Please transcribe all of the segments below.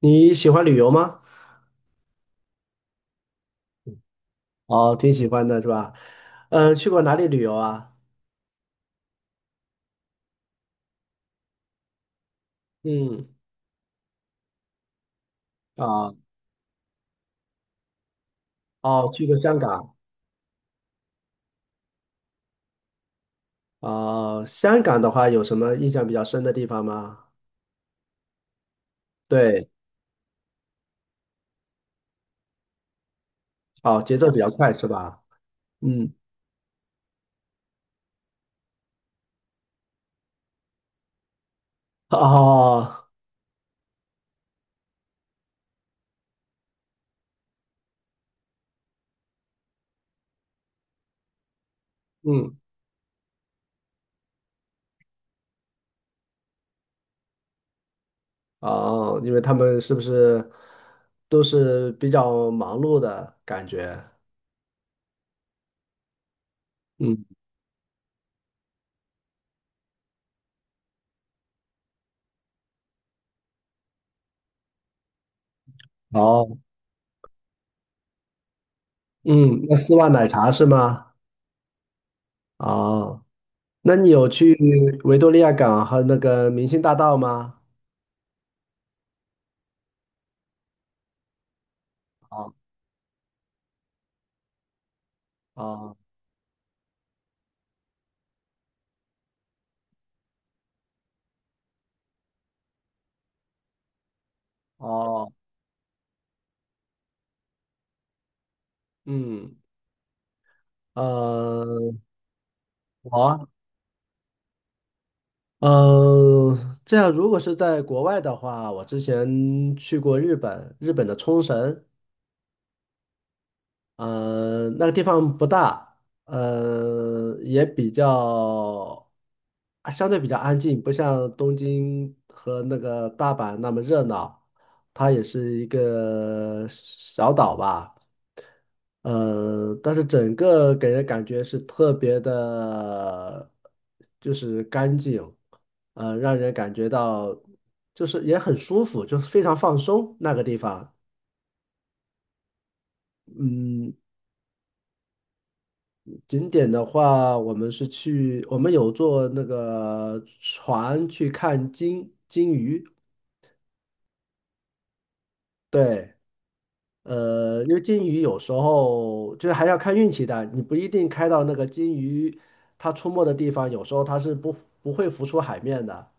你喜欢旅游吗？哦，挺喜欢的是吧？嗯，去过哪里旅游啊？嗯，啊，哦，去过香港。啊。香港的话有什么印象比较深的地方吗？对，哦，节奏比较快是吧？嗯，哦，嗯，哦，因为他们是不是都是比较忙碌的感觉？嗯，哦，嗯，那丝袜奶茶是吗？哦，那你有去维多利亚港和那个明星大道吗？哦哦哦，嗯，呃，我呃，这样如果是在国外的话，我之前去过日本，日本的冲绳，那个地方不大，呃，也比较，啊相对比较安静，不像东京和那个大阪那么热闹。它也是一个小岛吧，但是整个给人感觉是特别的，就是干净，让人感觉到就是也很舒服，就是非常放松那个地方。嗯，景点的话，我们有坐那个船去看金鱼。对，因为金鱼有时候就是还要看运气的，你不一定开到那个金鱼它出没的地方，有时候它是不会浮出海面的。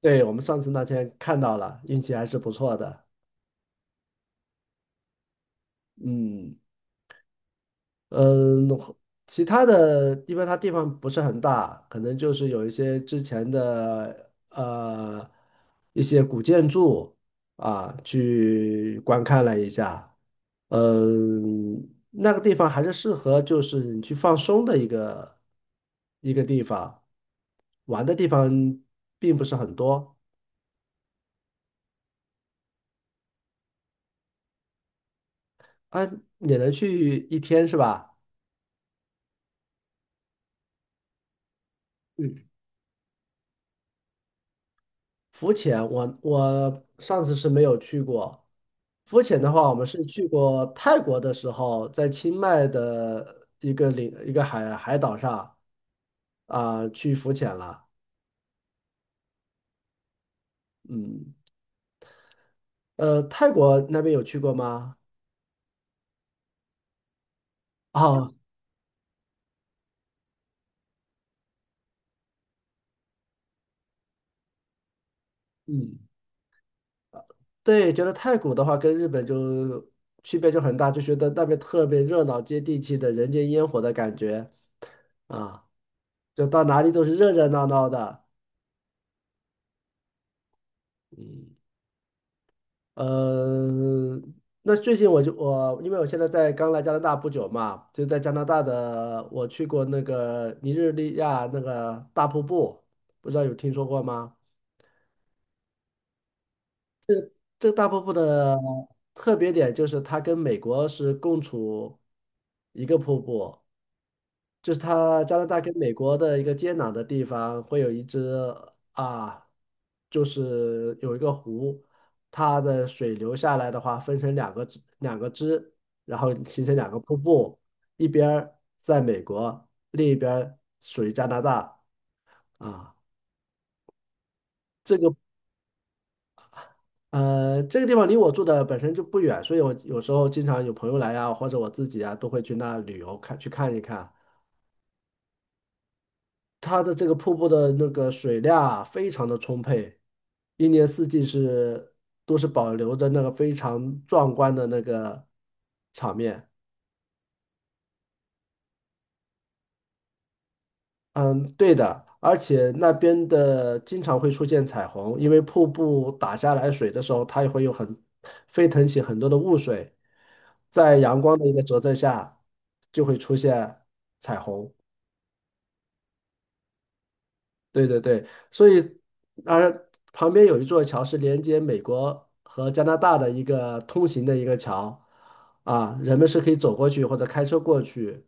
对，我们上次那天看到了，运气还是不错的。嗯。嗯，其他的，因为它地方不是很大，可能就是有一些之前的一些古建筑啊，去观看了一下。嗯，那个地方还是适合就是你去放松的一个一个地方，玩的地方并不是很多。啊，也能去一天是吧？嗯。浮潜我上次是没有去过。浮潜的话，我们是去过泰国的时候，在清迈的一个海岛上啊、去浮潜了。嗯，泰国那边有去过吗？啊、嗯，对，觉得泰国的话跟日本就区别就很大，就觉得那边特别热闹、接地气的人间烟火的感觉啊，就到哪里都是热热闹闹的。嗯。呃，那最近我就我，因为我现在在刚来加拿大不久嘛，就在加拿大的，我去过那个尼日利亚那个大瀑布，不知道有听说过吗？这个大瀑布的特别点就是它跟美国是共处一个瀑布，就是它加拿大跟美国的一个接壤的地方，会有一只啊，就是有一个湖，它的水流下来的话，分成两个支，然后形成两个瀑布，一边儿在美国，另一边儿属于加拿大啊。这个这个地方离我住的本身就不远，所以我有时候经常有朋友来啊，或者我自己啊，都会去那旅游去看一看。它的这个瀑布的那个水量啊非常的充沛，一年四季都是保留着那个非常壮观的那个场面。嗯，对的，而且那边的经常会出现彩虹，因为瀑布打下来水的时候，它也会飞腾起很多的雾水，在阳光的一个折射下，就会出现彩虹。对对对，所以而旁边有一座桥是连接美国和加拿大的一个通行的一个桥，啊，人们是可以走过去或者开车过去，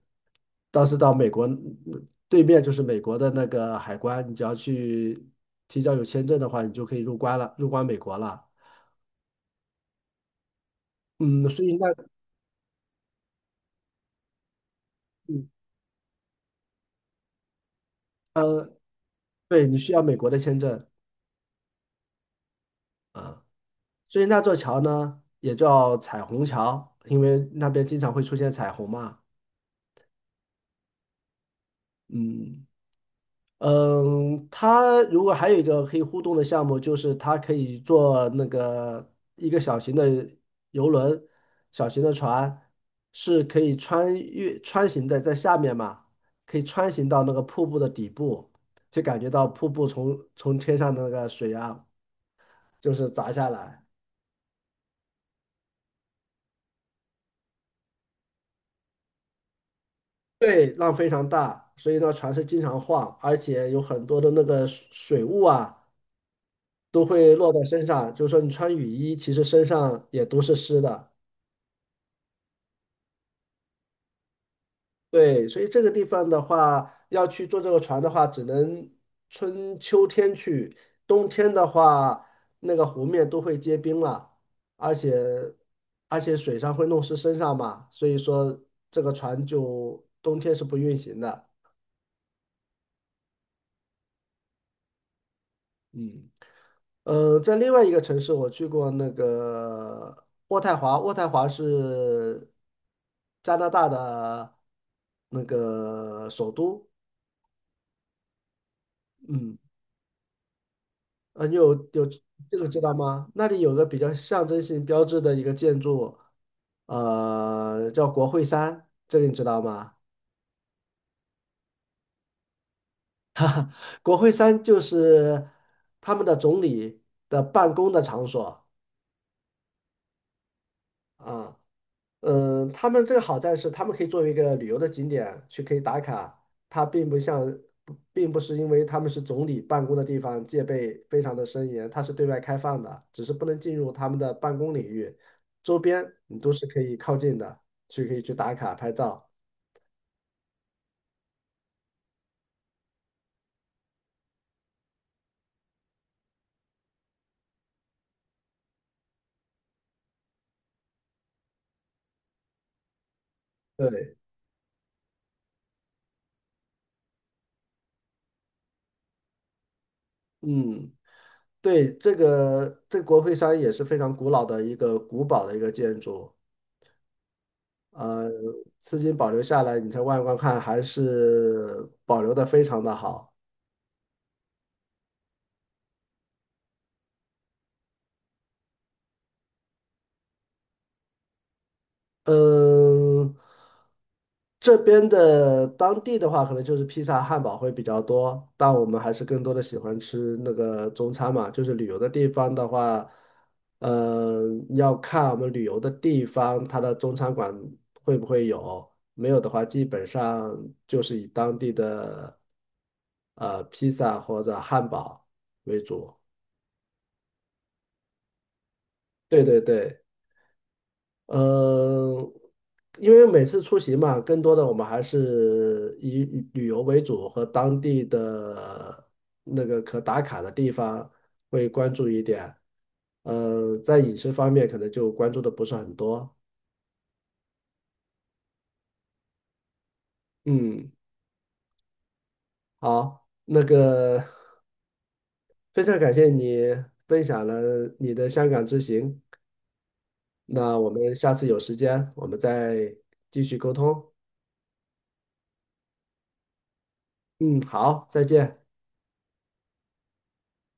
但是到美国对面就是美国的那个海关，你只要去提交有签证的话，你就可以入关了，入关美国了。嗯，所以那嗯呃，对你需要美国的签证，所以那座桥呢也叫彩虹桥，因为那边经常会出现彩虹嘛，嗯。嗯，它如果还有一个可以互动的项目，就是它可以做那个一个小型的游轮、小型的船，是可以穿行的，在下面嘛，可以穿行到那个瀑布的底部，就感觉到瀑布从天上的那个水啊，就是砸下来，对，浪非常大，所以呢，船是经常晃，而且有很多的那个水雾啊，都会落在身上，就是说你穿雨衣，其实身上也都是湿的。对，所以这个地方的话，要去坐这个船的话，只能春秋天去，冬天的话，那个湖面都会结冰了，而且水上会弄湿身上嘛，所以说这个船就冬天是不运行的。嗯，在另外一个城市，我去过那个渥太华，渥太华是加拿大的那个首都。嗯。你有这个知道吗？那里有个比较象征性标志的一个建筑，叫国会山，这个你知道吗？国会山就是他们的总理的办公的场所啊。嗯，他们这个好在是，他们可以作为一个旅游的景点去可以打卡，它并不像，不并不是因为他们是总理办公的地方，戒备非常的森严，它是对外开放的，只是不能进入他们的办公领域，周边你都是可以靠近的，可以去打卡拍照。对，嗯，对，这个国会山也是非常古老的一个古堡的一个建筑，呃，至今保留下来，你才外观看还是保留的非常的好。嗯，这边的当地的话，可能就是披萨、汉堡会比较多，但我们还是更多的喜欢吃那个中餐嘛。就是旅游的地方的话，呃，要看我们旅游的地方，它的中餐馆会不会有，没有的话，基本上就是以当地的披萨或者汉堡为主。对对对。呃，因为每次出行嘛，更多的我们还是以旅游为主，和当地的那个可打卡的地方会关注一点。在饮食方面可能就关注的不是很多。嗯，好，那个非常感谢你分享了你的香港之行，那我们下次有时间我们再继续沟通。嗯，好，再见。